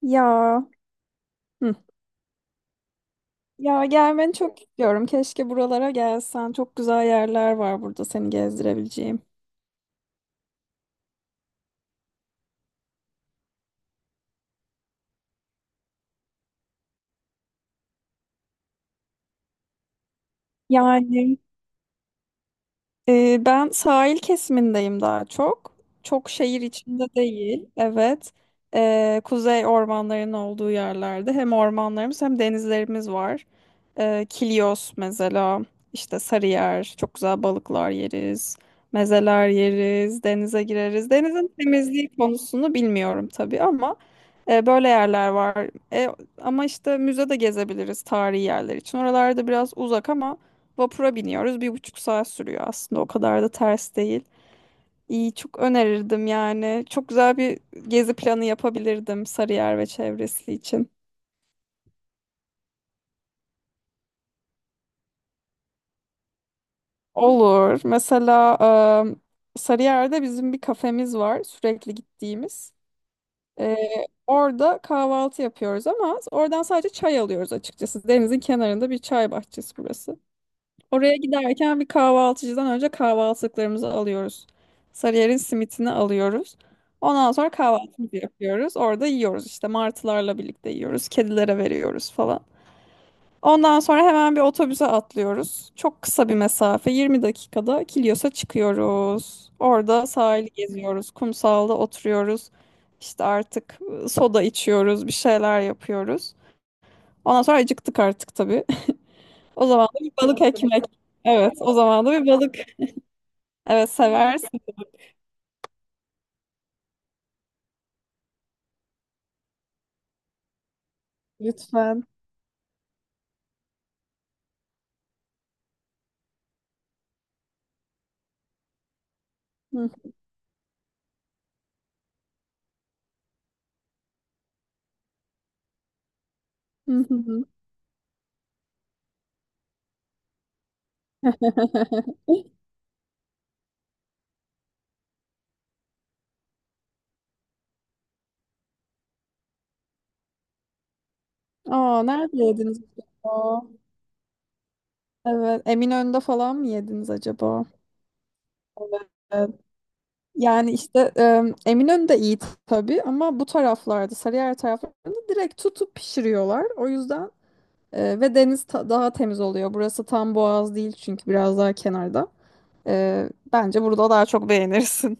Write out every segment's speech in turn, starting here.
Ya. Hı. Ya gelmeni çok istiyorum. Keşke buralara gelsen. Çok güzel yerler var burada seni gezdirebileceğim. Yani ben sahil kesimindeyim daha çok. Çok şehir içinde değil. Evet. Kuzey ormanlarının olduğu yerlerde hem ormanlarımız hem denizlerimiz var. Kilyos mesela, işte Sarıyer çok güzel balıklar yeriz. Mezeler yeriz, denize gireriz. Denizin temizliği konusunu bilmiyorum tabii ama böyle yerler var. Ama işte müze de gezebiliriz tarihi yerler için. Oralarda biraz uzak ama vapura biniyoruz. 1,5 saat sürüyor aslında. O kadar da ters değil. İyi, çok önerirdim yani. Çok güzel bir gezi planı yapabilirdim Sarıyer ve çevresi için. Olur. Mesela Sarıyer'de bizim bir kafemiz var sürekli gittiğimiz. E, orada kahvaltı yapıyoruz ama oradan sadece çay alıyoruz açıkçası. Denizin kenarında bir çay bahçesi burası. Oraya giderken bir kahvaltıcıdan önce kahvaltılıklarımızı alıyoruz. Sarıyer'in simitini alıyoruz. Ondan sonra kahvaltımızı yapıyoruz. Orada yiyoruz işte, martılarla birlikte yiyoruz. Kedilere veriyoruz falan. Ondan sonra hemen bir otobüse atlıyoruz. Çok kısa bir mesafe, 20 dakikada Kilyos'a çıkıyoruz. Orada sahili geziyoruz. Kumsalda oturuyoruz. İşte artık soda içiyoruz, bir şeyler yapıyoruz. Ondan sonra acıktık artık tabii. O zaman da bir balık ekmek. Evet, o zaman da bir balık. Evet, seversin. Lütfen. Hı, hı, hı. Aa, nerede yediniz acaba? Evet, Eminönü'nde falan mı yediniz acaba? Evet. Yani işte Eminönü de iyi tabii ama bu taraflarda, Sarıyer taraflarında direkt tutup pişiriyorlar. O yüzden ve deniz daha temiz oluyor. Burası tam boğaz değil çünkü biraz daha kenarda. Bence burada daha çok beğenirsin.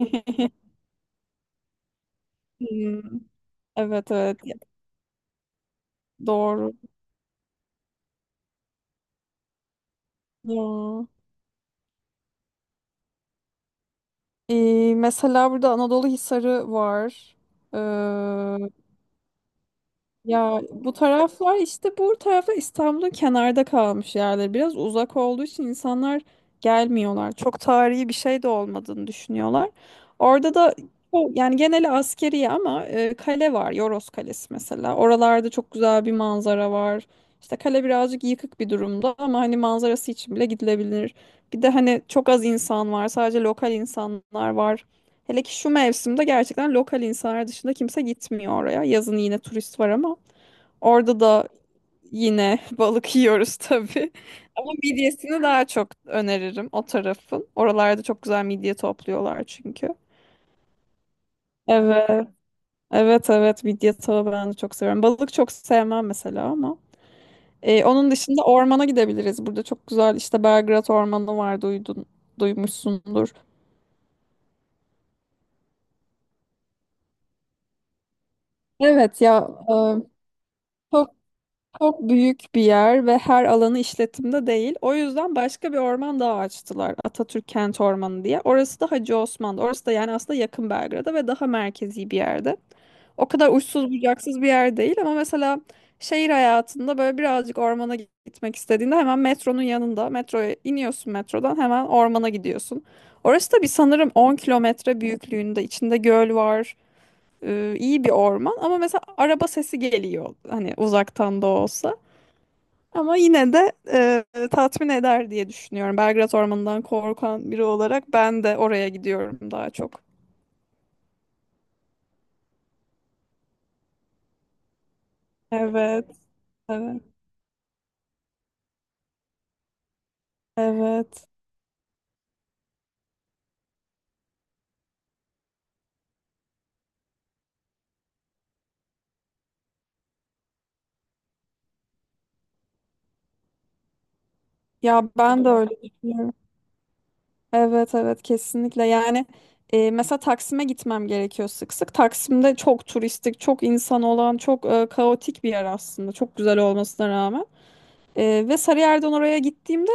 Hmm. Evet, evet. Doğru. Ya. Mesela burada Anadolu Hisarı var. Ya bu taraflar, işte bu taraflar İstanbul'un kenarda kalmış yerler. Biraz uzak olduğu için insanlar gelmiyorlar. Çok tarihi bir şey de olmadığını düşünüyorlar. Orada da yani geneli askeri ama kale var. Yoros Kalesi mesela. Oralarda çok güzel bir manzara var. İşte kale birazcık yıkık bir durumda ama hani manzarası için bile gidilebilir. Bir de hani çok az insan var. Sadece lokal insanlar var. Hele ki şu mevsimde gerçekten lokal insanlar dışında kimse gitmiyor oraya. Yazın yine turist var ama orada da yine balık yiyoruz tabii. Ama midyesini daha çok öneririm o tarafın. Oralarda çok güzel midye topluyorlar çünkü. Evet. Evet, evet, midye tava ben de çok seviyorum. Balık çok sevmem mesela ama. E, onun dışında ormana gidebiliriz. Burada çok güzel işte Belgrad Ormanı var, duymuşsundur. Evet ya, çok çok büyük bir yer ve her alanı işletimde değil. O yüzden başka bir orman daha açtılar. Atatürk Kent Ormanı diye. Orası da Hacı Osman'da. Orası da yani aslında yakın Belgrad'a ve daha merkezi bir yerde. O kadar uçsuz bucaksız bir yer değil ama mesela şehir hayatında böyle birazcık ormana gitmek istediğinde hemen metronun yanında, metroya iniyorsun, metrodan hemen ormana gidiyorsun. Orası da bir sanırım 10 kilometre büyüklüğünde, içinde göl var. E, iyi bir orman ama mesela araba sesi geliyor hani, uzaktan da olsa. Ama yine de tatmin eder diye düşünüyorum. Belgrad Ormanı'ndan korkan biri olarak ben de oraya gidiyorum daha çok. Evet, evet, evet. Ya ben de öyle düşünüyorum. Evet, evet, kesinlikle. Yani mesela Taksim'e gitmem gerekiyor sık sık. Taksim'de çok turistik, çok insan olan, çok kaotik bir yer aslında. Çok güzel olmasına rağmen. Ve Sarıyer'den oraya gittiğimde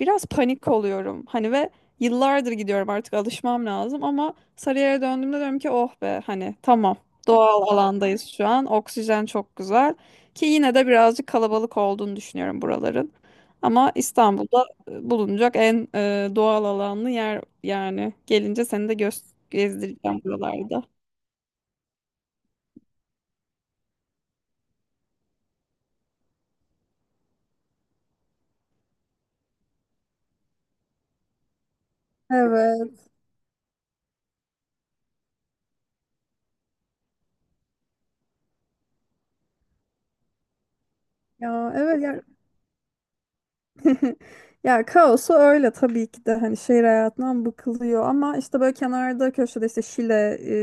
biraz panik oluyorum. Hani ve yıllardır gidiyorum artık, alışmam lazım ama Sarıyer'e döndüğümde diyorum ki oh be, hani tamam, doğal alandayız şu an. Oksijen çok güzel ki yine de birazcık kalabalık olduğunu düşünüyorum buraların. Ama İstanbul'da bulunacak en doğal alanlı yer, yani gelince seni de göz gezdireceğim buralarda. Evet. Ya, evet ya. Ya, kaosu öyle tabii ki de, hani şehir hayatından bıkılıyor ama işte böyle kenarda köşede, işte Şile,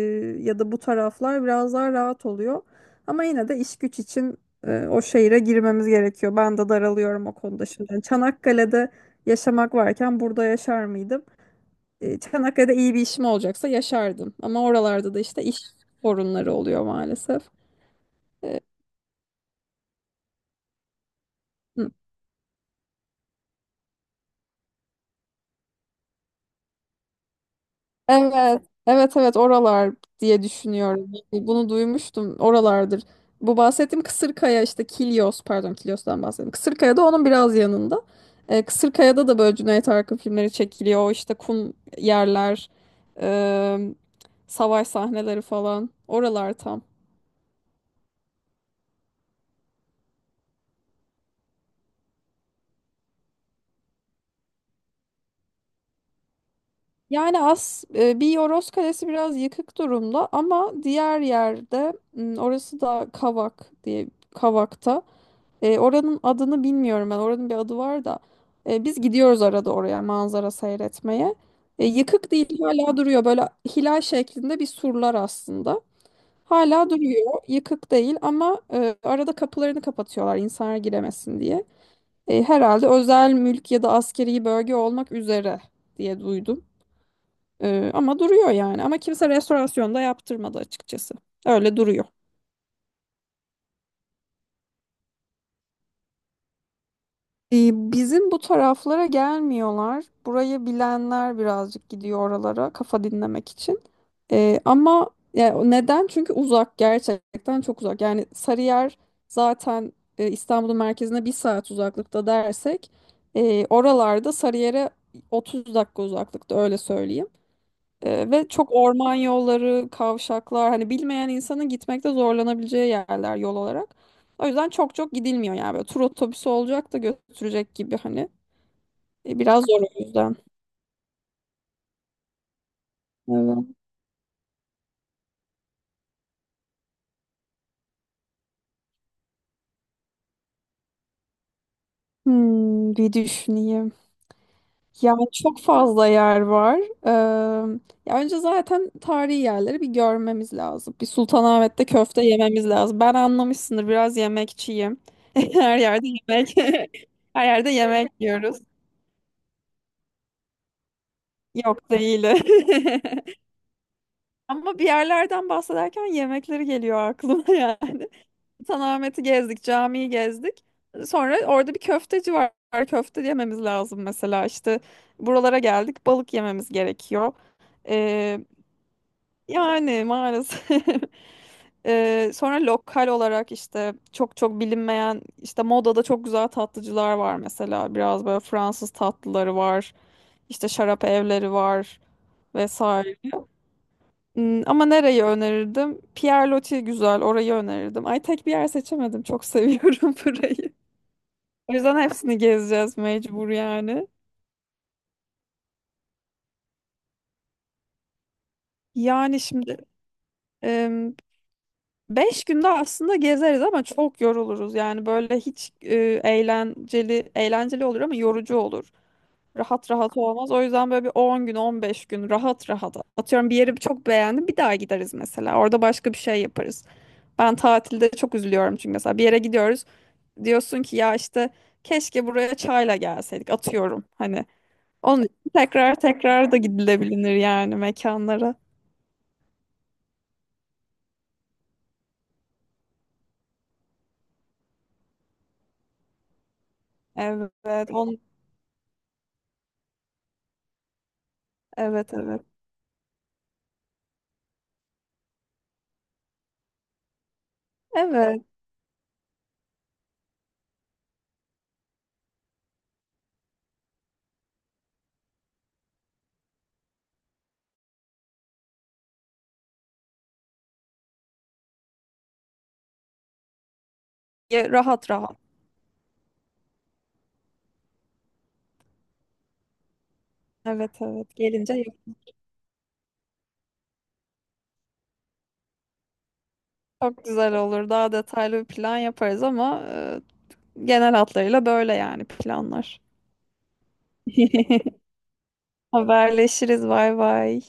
ya da bu taraflar biraz daha rahat oluyor. Ama yine de iş güç için o şehire girmemiz gerekiyor. Ben de daralıyorum o konuda şimdi. Yani Çanakkale'de yaşamak varken burada yaşar mıydım? E, Çanakkale'de iyi bir işim olacaksa yaşardım. Ama oralarda da işte iş sorunları oluyor maalesef. Evet, evet, evet, oralar diye düşünüyorum. Yani bunu duymuştum, oralardır. Bu bahsettiğim Kısırkaya, işte Kilyos, pardon, Kilyos'tan bahsettim. Kısırkaya da onun biraz yanında. Kısırkaya'da da böyle Cüneyt Arkın filmleri çekiliyor. O işte kum yerler, e, savaş sahneleri falan. Oralar tam. Yani bir Yoros Kalesi biraz yıkık durumda ama diğer yerde, orası da Kavak diye, Kavak'ta. Oranın adını bilmiyorum ben. Oranın bir adı var da. Biz gidiyoruz arada oraya manzara seyretmeye. Yıkık değil, hala duruyor. Böyle hilal şeklinde bir surlar aslında. Hala duruyor. Yıkık değil ama arada kapılarını kapatıyorlar insanlar giremesin diye. Herhalde özel mülk ya da askeri bölge olmak üzere diye duydum. Ama duruyor yani. Ama kimse restorasyonda yaptırmadı açıkçası. Öyle duruyor. Bizim bu taraflara gelmiyorlar. Burayı bilenler birazcık gidiyor oralara kafa dinlemek için. Ama ya neden? Çünkü uzak, gerçekten çok uzak. Yani Sarıyer zaten İstanbul'un merkezine 1 saat uzaklıkta dersek, oralarda Sarıyer'e 30 dakika uzaklıkta, öyle söyleyeyim. Ve çok orman yolları, kavşaklar, hani bilmeyen insanın gitmekte zorlanabileceği yerler yol olarak. O yüzden çok çok gidilmiyor yani, böyle tur otobüsü olacak da götürecek gibi hani. Biraz zor o yüzden. Evet. Hmm, bir düşüneyim. Yani çok fazla yer var. Ee, ya önce zaten tarihi yerleri bir görmemiz lazım. Bir Sultanahmet'te köfte yememiz lazım. Ben anlamışsındır biraz yemekçiyim. Her yerde yemek. Her yerde yemek yiyoruz. Yok değil. Ama bir yerlerden bahsederken yemekleri geliyor aklıma yani. Sultanahmet'i gezdik, camiyi gezdik. Sonra orada bir köfteci var. Köfte yememiz lazım mesela işte. Buralara geldik, balık yememiz gerekiyor. Ee, yani maalesef. Sonra lokal olarak işte çok çok bilinmeyen işte Moda'da çok güzel tatlıcılar var mesela. Biraz böyle Fransız tatlıları var. İşte şarap evleri var vesaire. Hmm, ama nereyi önerirdim? Pierre güzel, orayı önerirdim. Ay tek bir yer seçemedim. Çok seviyorum burayı. O yüzden hepsini gezeceğiz mecbur yani. Yani şimdi em, 5 günde aslında gezeriz ama çok yoruluruz. Yani böyle hiç eğlenceli eğlenceli olur ama yorucu olur. Rahat rahat olmaz. O yüzden böyle bir 10 gün, 15 gün rahat rahat. Atıyorum bir yeri çok beğendim. Bir daha gideriz mesela. Orada başka bir şey yaparız. Ben tatilde çok üzülüyorum çünkü mesela bir yere gidiyoruz. Diyorsun ki ya işte keşke buraya çayla gelseydik, atıyorum hani. Onun için tekrar tekrar da gidilebilir yani mekanlara. Evet, evet, evet. Evet. Ya, rahat rahat. Evet, evet. Gelince çok güzel olur. Daha detaylı bir plan yaparız ama genel hatlarıyla böyle yani planlar. Haberleşiriz. Bay bay.